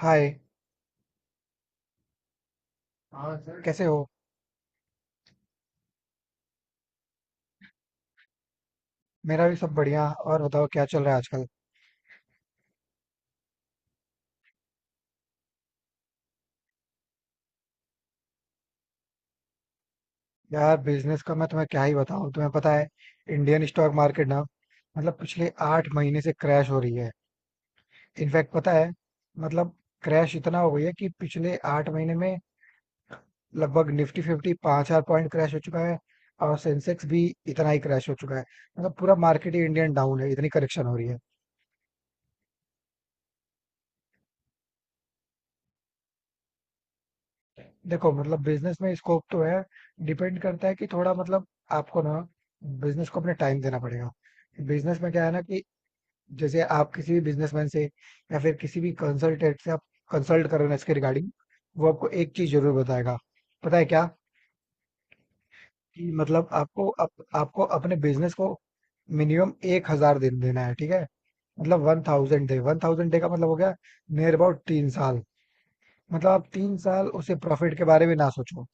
हाय। हाँ सर कैसे हो। मेरा भी सब बढ़िया। और बताओ क्या चल रहा है आजकल। यार बिजनेस का मैं तुम्हें क्या ही बताऊं। तुम्हें पता है इंडियन स्टॉक मार्केट ना, मतलब पिछले 8 महीने से क्रैश हो रही है। इनफैक्ट पता है, मतलब क्रैश इतना हो गई है कि पिछले 8 महीने में लगभग निफ्टी फिफ्टी 5,000 पॉइंट क्रैश हो चुका है। और सेंसेक्स भी इतना ही क्रैश हो चुका है। मतलब पूरा मार्केट ही इंडियन डाउन है, इतनी करेक्शन हो रही है। देखो मतलब बिजनेस में स्कोप तो है। डिपेंड करता है कि थोड़ा, मतलब आपको ना बिजनेस को अपने टाइम देना पड़ेगा। बिजनेस में क्या है ना कि जैसे आप किसी भी बिजनेसमैन से या फिर किसी भी कंसल्टेंट से आप कंसल्ट कर रहे हो इसके रिगार्डिंग, वो आपको एक चीज जरूर बताएगा। पता है क्या? कि मतलब आपको अपने बिजनेस को मिनिमम 1,000 दिन देना है। ठीक है, मतलब one thousand day, one thousand day का मतलब हो गया नियर अबाउट 3 साल। मतलब आप 3 साल उसे प्रॉफिट के बारे में ना सोचो।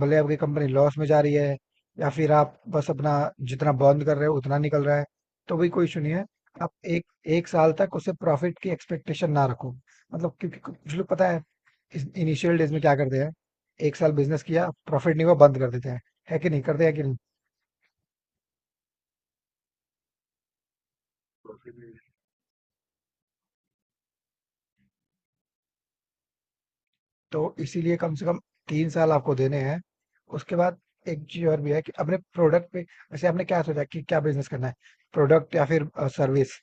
भले आपकी कंपनी लॉस में जा रही है या फिर आप बस अपना जितना बर्न कर रहे हो उतना निकल रहा है, तो भी कोई इशू नहीं है। आप एक एक साल तक उसे प्रॉफिट की एक्सपेक्टेशन ना रखो। मतलब क्योंकि कुछ लोग, पता है, इनिशियल डेज में क्या करते हैं, 1 साल बिजनेस किया प्रॉफिट नहीं हुआ बंद कर देते हैं। है कि नहीं, करते हैं कि नहीं? तो इसीलिए कम से कम 3 साल आपको देने हैं। उसके बाद एक चीज और भी है कि अपने प्रोडक्ट पे, वैसे आपने क्या सोचा कि क्या बिजनेस करना है? प्रोडक्ट या फिर सर्विस?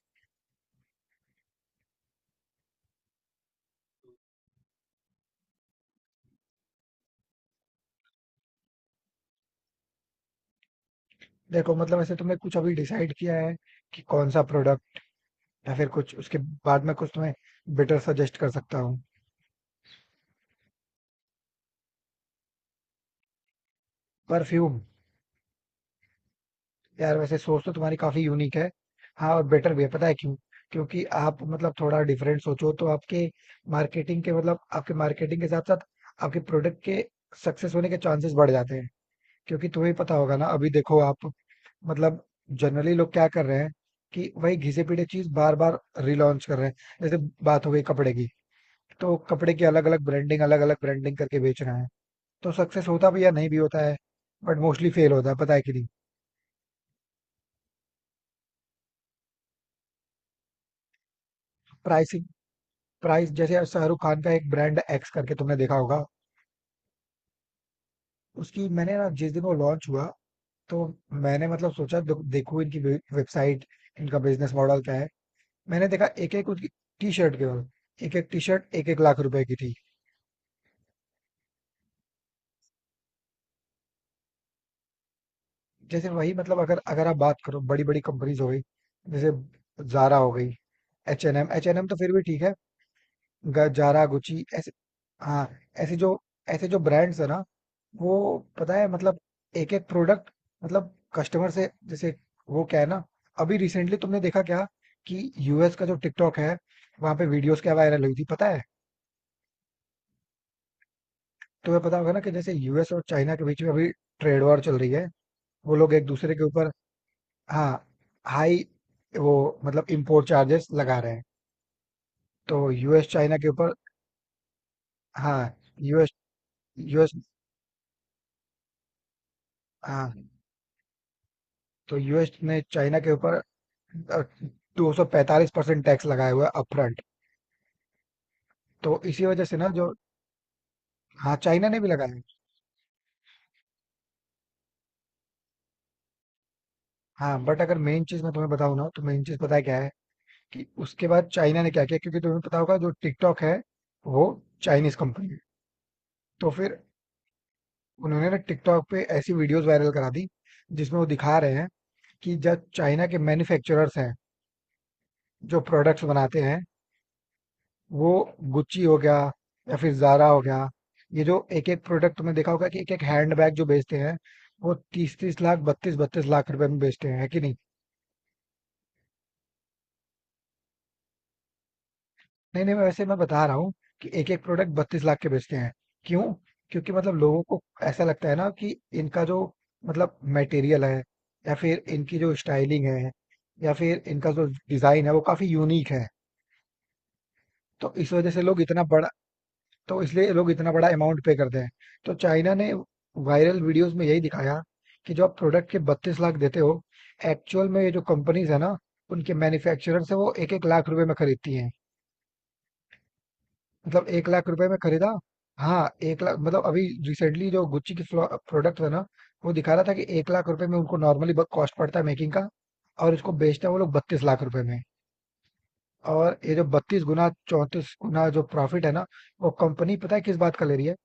देखो मतलब ऐसे तुमने कुछ अभी डिसाइड किया है कि कौन सा प्रोडक्ट, या फिर कुछ, उसके बाद में कुछ तुम्हें बेटर सजेस्ट कर सकता हूँ। परफ्यूम? यार वैसे सोच तो तुम्हारी काफी यूनिक है। हाँ और बेटर भी है, पता है क्यों? क्योंकि आप मतलब थोड़ा डिफरेंट सोचो तो आपके मार्केटिंग के मतलब आपके मार्केटिंग के साथ साथ आपके प्रोडक्ट के सक्सेस होने के चांसेस बढ़ जाते हैं। क्योंकि तुम्हें पता होगा ना, अभी देखो आप, मतलब जनरली लोग क्या कर रहे हैं कि वही घिसे पीटे चीज बार बार रिलॉन्च कर रहे हैं। जैसे बात हो गई कपड़े की, तो कपड़े के अलग अलग ब्रांडिंग करके बेच रहे हैं। तो सक्सेस होता भी या नहीं भी होता है, बट मोस्टली फेल होता है, पता है कि नहीं? प्राइसिंग, प्राइस, जैसे अब शाहरुख खान का एक ब्रांड एक्स करके तुमने देखा होगा। उसकी मैंने ना, जिस दिन वो लॉन्च हुआ तो मैंने मतलब सोचा देखूं इनकी वेबसाइट, इनका बिजनेस मॉडल क्या है। मैंने देखा एक एक उसकी टी शर्ट केवल, एक एक टी शर्ट 1-1 लाख रुपए की थी। जैसे वही मतलब अगर अगर आप बात करो बड़ी बड़ी कंपनीज हो गई, जैसे जारा हो गई, एच एन एम, तो फिर भी ठीक है। जारा गुची ऐसे, हाँ, ऐसे जो ऐसे जो ब्रांड्स है ना, वो पता है मतलब एक एक प्रोडक्ट, मतलब कस्टमर से जैसे, वो क्या है ना, अभी रिसेंटली तुमने देखा क्या कि यूएस का जो टिकटॉक है, वहां पे वीडियोस क्या वायरल हुई थी, पता है? तुम्हें पता होगा ना कि जैसे यूएस और चाइना के बीच में अभी ट्रेड वॉर चल रही है, वो लोग एक दूसरे के ऊपर, हाँ, हाई, वो मतलब इम्पोर्ट चार्जेस लगा रहे हैं। तो यूएस चाइना के ऊपर, हाँ, यूएस, यूएस हाँ, तो यूएस ने चाइना के ऊपर 245% टैक्स लगाया हुआ है अपफ्रंट। तो इसी वजह से ना जो, हाँ, चाइना ने भी लगाया है। हाँ बट अगर मेन चीज मैं तुम्हें बताऊं ना, तो मेन चीज पता है क्या है? कि उसके बाद चाइना ने क्या किया। क्योंकि तुम्हें पता होगा जो टिकटॉक है वो चाइनीज कंपनी है। तो फिर उन्होंने ना टिकटॉक पे ऐसी वीडियोस वायरल करा दी जिसमें वो दिखा रहे हैं कि जब चाइना के मैन्युफैक्चरर्स हैं जो प्रोडक्ट्स बनाते हैं, वो, गुच्ची हो गया या फिर जारा हो गया, ये जो एक एक प्रोडक्ट, तुमने देखा होगा कि एक एक हैंड बैग जो बेचते हैं वो तीस तीस लाख 32-32 लाख रुपए में बेचते हैं, है कि नहीं? नहीं नहीं, मैं वैसे मैं बता रहा हूँ कि एक एक प्रोडक्ट 32 लाख के बेचते हैं। क्यों? क्योंकि मतलब लोगों को ऐसा लगता है ना कि इनका जो मतलब मटेरियल है, या फिर इनकी जो स्टाइलिंग है, या फिर इनका जो डिजाइन है वो काफी यूनिक है। तो इस वजह से लोग इतना बड़ा, अमाउंट पे करते हैं। तो चाइना ने वायरल वीडियोस में यही दिखाया कि जो आप प्रोडक्ट के 32 लाख देते हो, एक्चुअल में ये जो कंपनीज है ना, उनके मैन्युफैक्चरर से वो 1-1 लाख रुपए में खरीदती हैं। मतलब 1 लाख रुपए में खरीदा, हाँ, 1 लाख, मतलब अभी रिसेंटली जो गुच्ची की प्रोडक्ट था ना, वो दिखा रहा था कि 1 लाख रुपए में उनको नॉर्मली कॉस्ट पड़ता है मेकिंग का, और इसको बेचते हैं वो लोग 32 लाख रुपए में। और ये जो 32 गुना 34 गुना जो प्रॉफिट है ना, वो कंपनी पता है किस बात का ले रही है?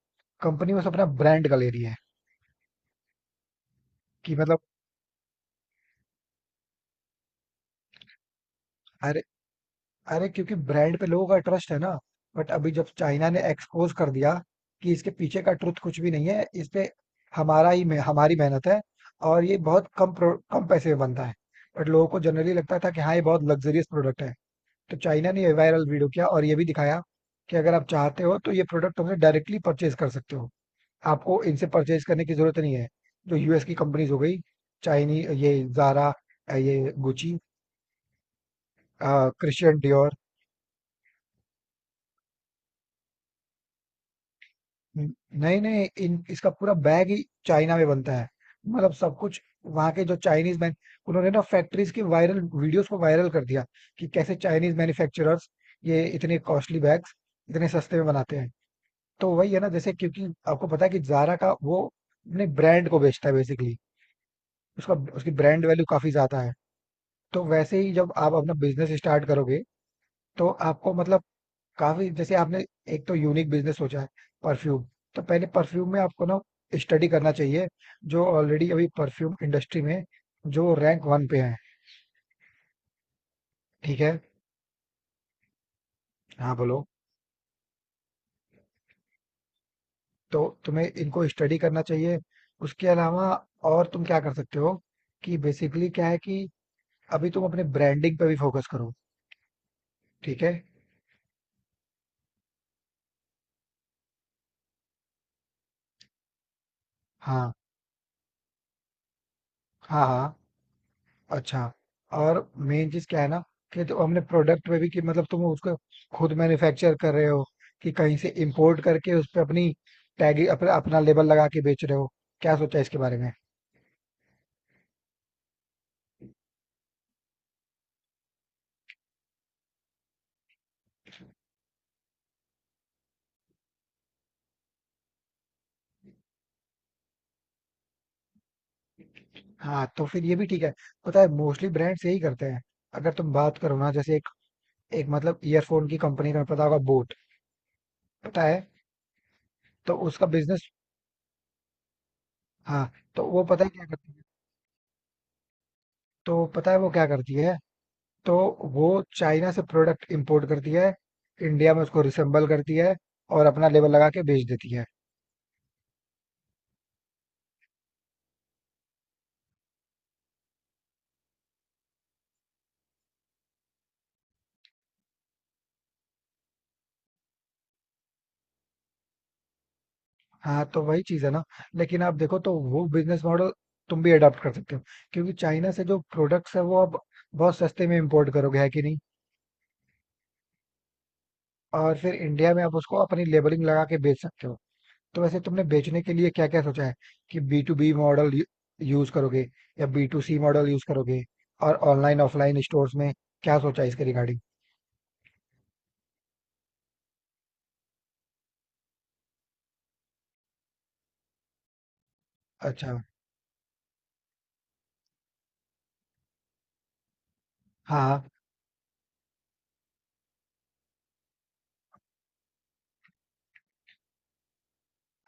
कंपनी बस अपना ब्रांड का ले रही है। कि मतलब, अरे अरे क्योंकि ब्रांड पे लोगों का ट्रस्ट है ना। बट अभी जब चाइना ने एक्सपोज कर दिया कि इसके पीछे का ट्रुथ कुछ भी नहीं है, इस पे हमारी मेहनत है, और ये बहुत कम पैसे में बनता है। बट लोगों को जनरली लगता था कि हाँ ये बहुत लग्जरियस प्रोडक्ट है। तो चाइना ने ये वायरल वीडियो किया और ये भी दिखाया कि अगर आप चाहते हो तो ये प्रोडक्ट हमसे डायरेक्टली परचेज कर सकते हो, आपको इनसे परचेज़ करने की ज़रूरत नहीं है। जो यूएस की कंपनीज़ हो गई, चाइनी ये ज़ारा, ये गुची, क्रिश्चियन डियोर, हुँ, नए-नए इन इसका पूरा बैग ही चाइना में बनता है। मतलब सब कुछ वहाँ के जो चाइनीज़ मैन, उन्होंने ना फैक्ट्रीज़ की वायरल वीडियोज़ को वायरल कर दिया कि कैसे चाइनीज़ मैन्युफैक्चरर्स ये इतने कॉस्टली बैग्स इतने सस्ते में बनाते हैं। तो वही है ना, जैसे क्योंकि आपको पता है कि ज़ारा का वो अपने ब्रांड को बेचता है बेसिकली, उसका, उसकी ब्रांड वैल्यू काफ़ी ज़्यादा है। तो वैसे ही जब आप अपना बिजनेस स्टार्ट करोगे, तो आपको मतलब काफी, जैसे आपने एक तो यूनिक बिजनेस सोचा है, परफ्यूम। तो पहले परफ्यूम में आपको ना स्टडी करना चाहिए जो ऑलरेडी अभी परफ्यूम इंडस्ट्री में जो रैंक वन पे हैं। ठीक है, हाँ बोलो। तो तुम्हें इनको स्टडी करना चाहिए। उसके अलावा और तुम क्या कर सकते हो कि बेसिकली क्या है कि अभी तुम अपने ब्रांडिंग पे भी फोकस करो, ठीक है। हाँ, हाँ हाँ, अच्छा, और मेन चीज़ क्या है ना कि जो हमने प्रोडक्ट में भी कि मतलब तुम उसको खुद मैन्युफैक्चर कर रहे हो कि कहीं से इंपोर्ट करके उस पे अपनी टैग, अपना अपना लेबल लगा के बेच रहे हो? क्या सोचा इसके बारे में? हाँ तो फिर ये भी ठीक है। पता है मोस्टली ब्रांड्स यही करते हैं। अगर तुम बात करो ना जैसे एक एक मतलब ईयरफोन की कंपनी का पता होगा, बोट, पता है? तो उसका बिजनेस हाँ तो वो पता है क्या करती है, तो पता है वो क्या करती है तो वो चाइना से प्रोडक्ट इंपोर्ट करती है, इंडिया में उसको रिसेंबल करती है, और अपना लेबल लगा के बेच देती है। हाँ तो वही चीज है ना। लेकिन आप देखो तो वो बिजनेस मॉडल तुम भी अडॉप्ट कर सकते हो। क्योंकि चाइना से जो प्रोडक्ट्स है वो आप बहुत सस्ते में इंपोर्ट करोगे, है कि नहीं? और फिर इंडिया में आप उसको अपनी लेबलिंग लगा के बेच सकते हो। तो वैसे तुमने बेचने के लिए क्या क्या सोचा है, कि B to B model use करोगे या B to C model use करोगे, और ऑनलाइन ऑफलाइन स्टोर्स में क्या सोचा है इसके रिगार्डिंग? अच्छा, हाँ।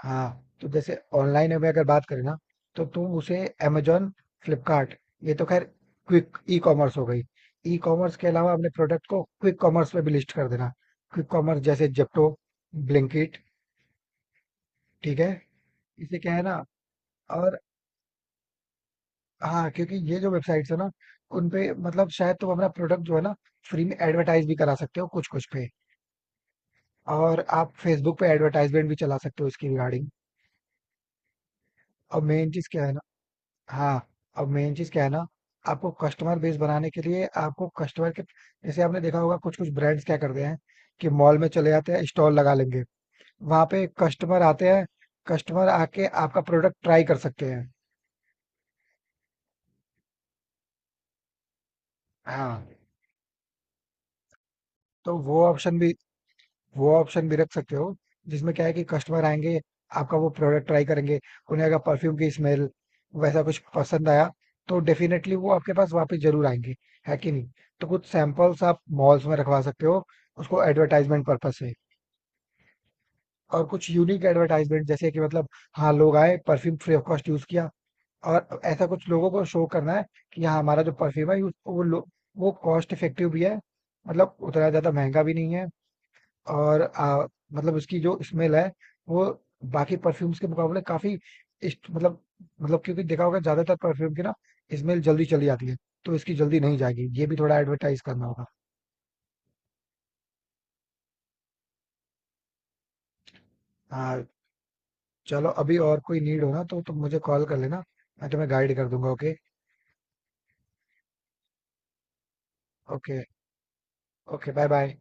हाँ, तो जैसे ऑनलाइन में अगर बात करें ना, तो तुम उसे अमेजोन, फ्लिपकार्ट, ये तो खैर क्विक ई कॉमर्स हो गई, ई कॉमर्स के अलावा अपने प्रोडक्ट को क्विक कॉमर्स में भी लिस्ट कर देना। क्विक कॉमर्स जैसे जेप्टो, ब्लिंकिट। ठीक है, इसे क्या है ना, और, हाँ क्योंकि ये जो वेबसाइट्स है ना, उन पे मतलब शायद तुम अपना प्रोडक्ट जो है ना फ्री में एडवर्टाइज भी करा सकते हो कुछ कुछ पे। और आप फेसबुक पे एडवर्टाइजमेंट भी चला सकते हो इसकी रिगार्डिंग। और मेन चीज क्या है ना, हाँ, अब मेन चीज क्या है ना आपको कस्टमर बेस बनाने के लिए आपको कस्टमर के, जैसे आपने देखा होगा कुछ कुछ ब्रांड्स क्या करते हैं कि मॉल में चले जाते हैं, स्टॉल लगा लेंगे, वहां पे कस्टमर आते हैं, कस्टमर आके आपका प्रोडक्ट ट्राई कर सकते हैं। हाँ तो वो ऑप्शन भी रख सकते हो, जिसमें क्या है कि कस्टमर आएंगे, आपका वो प्रोडक्ट ट्राई करेंगे, उन्हें अगर परफ्यूम की स्मेल वैसा कुछ पसंद आया तो डेफिनेटली वो आपके पास वापस जरूर आएंगे, है कि नहीं? तो कुछ सैंपल्स आप मॉल्स में रखवा सकते हो, उसको एडवर्टाइजमेंट पर्पस से। और कुछ यूनिक एडवर्टाइजमेंट, जैसे कि मतलब, हाँ, लोग आए perfume free of cost use किया, और ऐसा कुछ लोगों को शो करना है कि हाँ हमारा जो परफ्यूम है वो कॉस्ट इफेक्टिव भी है, मतलब उतना ज्यादा महंगा भी नहीं है, और मतलब उसकी जो स्मेल है वो बाकी परफ्यूम्स के मुकाबले काफी इस्ट- मतलब मतलब क्योंकि देखा होगा ज्यादातर परफ्यूम की ना स्मेल जल्दी चली जाती है, तो इसकी जल्दी नहीं जाएगी, ये भी थोड़ा एडवर्टाइज करना होगा। हाँ, चलो अभी और कोई नीड हो ना तो तुम मुझे कॉल कर लेना, मैं तुम्हें गाइड कर दूंगा। Okay? Okay, okay bye bye.